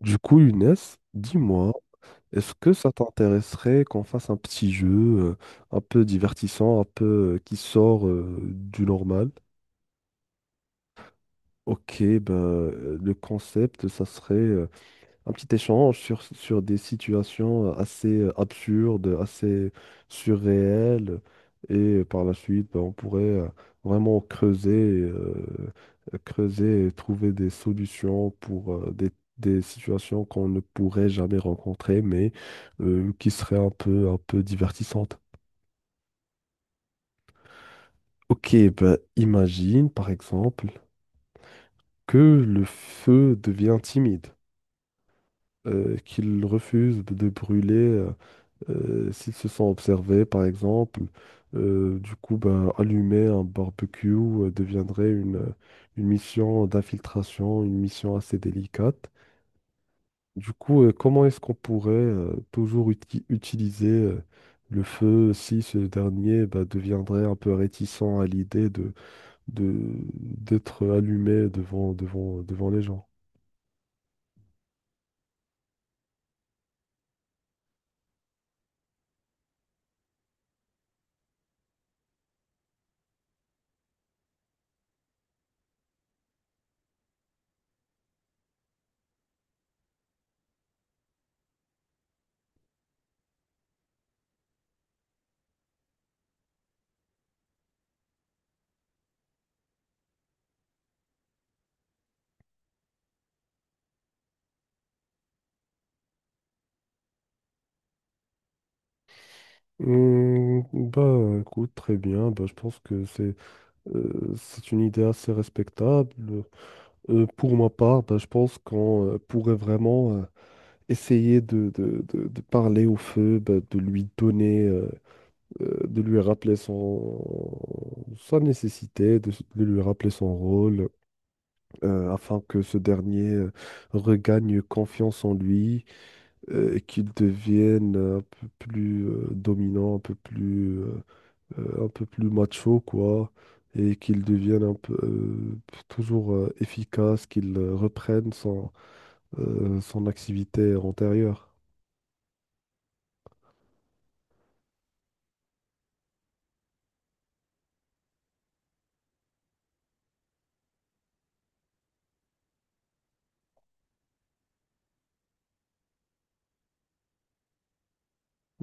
Du coup, Younes, dis-moi, est-ce que ça t'intéresserait qu'on fasse un petit jeu un peu divertissant, un peu qui sort du normal? Ok, ben, le concept, ça serait un petit échange sur des situations assez absurdes, assez surréelles. Et par la suite, ben, on pourrait vraiment creuser, creuser et trouver des solutions pour des situations qu'on ne pourrait jamais rencontrer, mais qui seraient un peu divertissantes. Ok, ben, imagine par exemple que le feu devient timide, qu'il refuse de brûler s'ils se sont observés, par exemple. Du coup, ben, allumer un barbecue deviendrait une mission d'infiltration, une mission assez délicate. Du coup, comment est-ce qu'on pourrait toujours utiliser le feu si ce dernier ben, deviendrait un peu réticent à l'idée d'être allumé devant les gens? Hmm, bah écoute, très bien. Bah, je pense que c'est une idée assez respectable. Pour ma part, ben, je pense qu'on pourrait vraiment essayer de parler au feu, ben, de lui donner, de lui rappeler son, sa nécessité, de lui rappeler son rôle, afin que ce dernier regagne confiance en lui, et qu'il devienne un peu plus dominant, un peu plus, un peu plus macho, quoi et qu'il devienne un peu toujours efficace, qu'il reprenne son, son activité antérieure.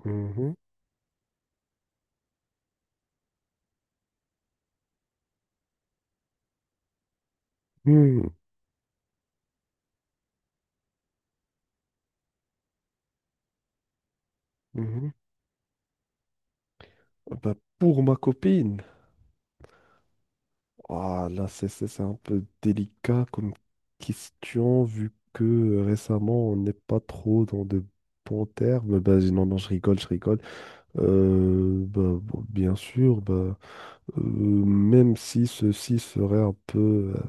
Mhm. Mhm. Mhm. Bah, pour ma copine, ah, là c'est un peu délicat comme question vu que récemment on n'est pas trop dans de bons termes. Bah, non, non, je rigole, je rigole. Bon, bien sûr, bah, même si ceci serait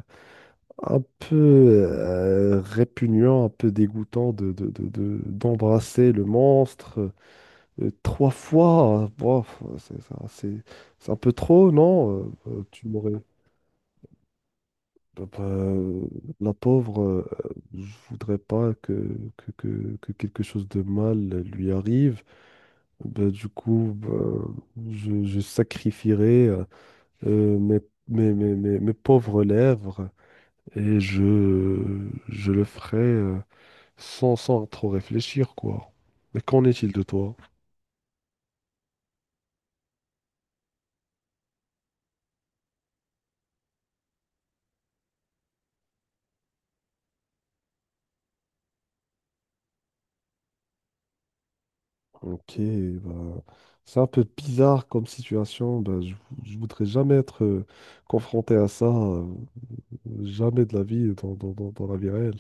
un peu répugnant, un peu dégoûtant d'embrasser le monstre. Trois fois, bof, c'est ça- c'est- assez- c'est un peu trop, non? Tu m'aurais. Bah, bah, euh, la pauvre, je voudrais pas que, que quelque chose de mal lui arrive. Bah, du coup, bah, je sacrifierai euh, mes, mes pauvres lèvres et je le ferai sans trop réfléchir, quoi. Mais qu'en est-il de toi? Ok, bah, c'est un peu bizarre comme situation. Bah, je voudrais jamais être confronté à ça, jamais de la vie dans la vie réelle.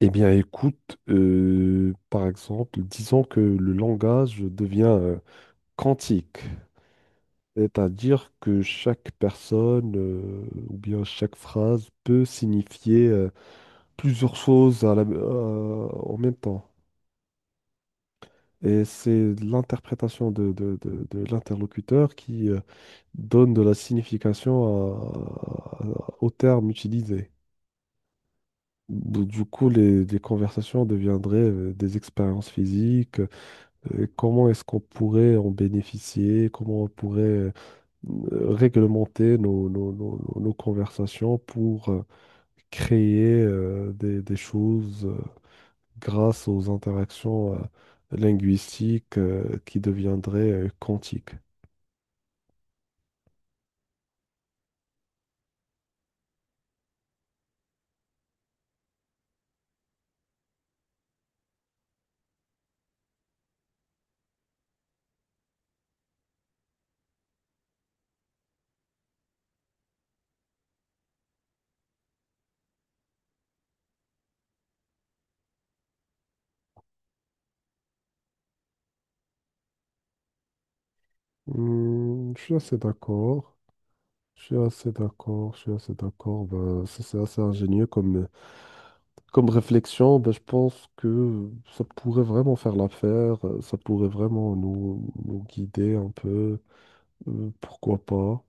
Eh bien, écoute, par exemple, disons que le langage devient quantique, c'est-à-dire que chaque personne ou bien chaque phrase peut signifier plusieurs choses en même temps. Et c'est l'interprétation de l'interlocuteur qui donne de la signification aux termes utilisés. Du coup, les conversations deviendraient des expériences physiques. Comment est-ce qu'on pourrait en bénéficier? Comment on pourrait réglementer nos conversations pour créer des choses grâce aux interactions linguistiques qui deviendraient quantiques. Hmm, je suis assez d'accord. Je suis assez d'accord, je suis assez d'accord. Ben, ça, c'est assez ingénieux comme, comme réflexion. Ben, je pense que ça pourrait vraiment faire l'affaire, ça pourrait vraiment nous guider un peu. Pourquoi pas?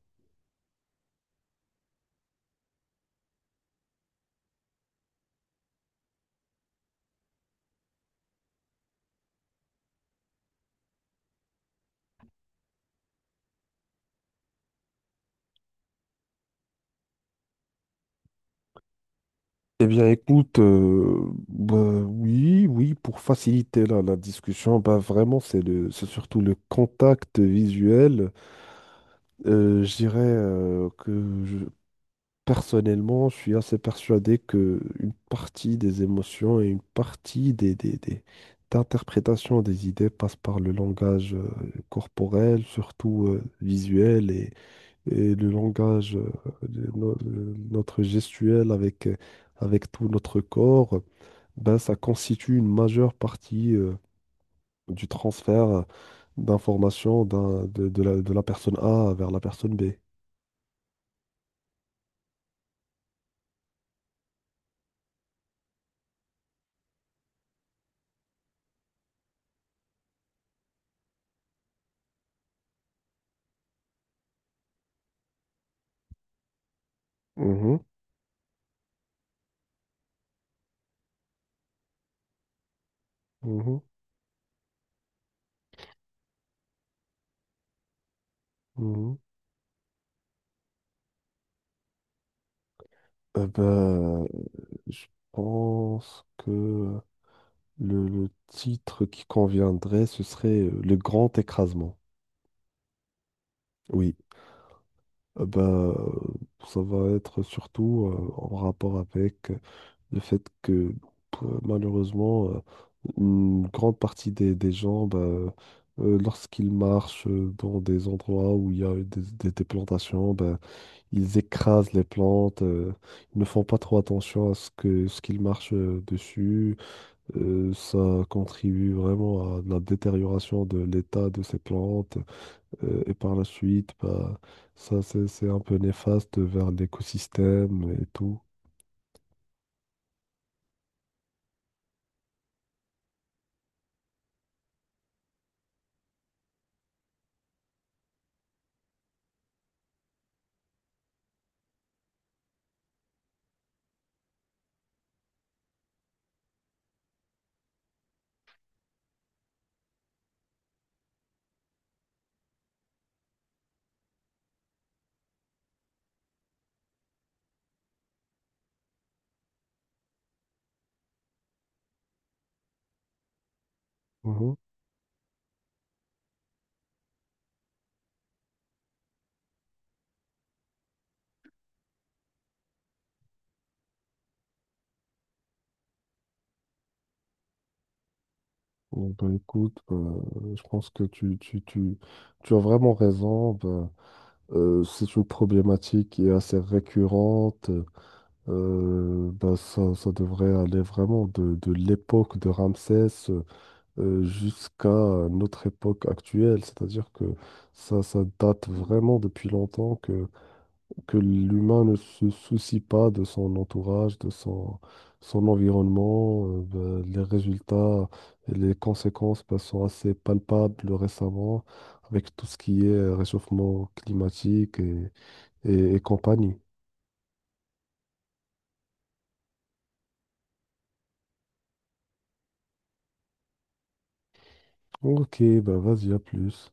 Eh bien, écoute, ben, oui, oui, pour faciliter la discussion, ben, vraiment, c'est surtout le contact visuel. Je dirais que Personnellement, je suis assez persuadé que une partie des émotions et une partie d'interprétation des idées passe par le langage corporel, surtout visuel, et le langage, de no- de notre gestuel avec, avec tout notre corps, ben, ça constitue une majeure partie du transfert d'informations de, de la personne A vers la personne B. Mhm, mhm, mhm. Euh, ben, Je pense que le titre qui conviendrait, ce serait Le Grand Écrasement. Oui, ça va être surtout en rapport avec le fait que malheureusement, une grande partie des gens, bah, lorsqu'ils marchent dans des endroits où il y a eu des plantations, bah, ils écrasent les plantes, ils ne font pas trop attention à ce que, ce qu'ils marchent dessus. Ça contribue vraiment à la détérioration de l'état de ces plantes et par la suite, bah, ça c'est un peu néfaste vers l'écosystème et tout. Mhm. Bon, bah, écoute, bah, je pense que tu as vraiment raison. Bah, c'est une problématique qui est assez récurrente. Ça devrait aller vraiment de l'époque de Ramsès jusqu'à notre époque actuelle. C'est-à-dire que ça date vraiment depuis longtemps que l'humain ne se soucie pas de son entourage, de son, son environnement. Les résultats et les conséquences ben, sont assez palpables récemment avec tout ce qui est réchauffement climatique et compagnie. Ok, ben vas-y, à plus.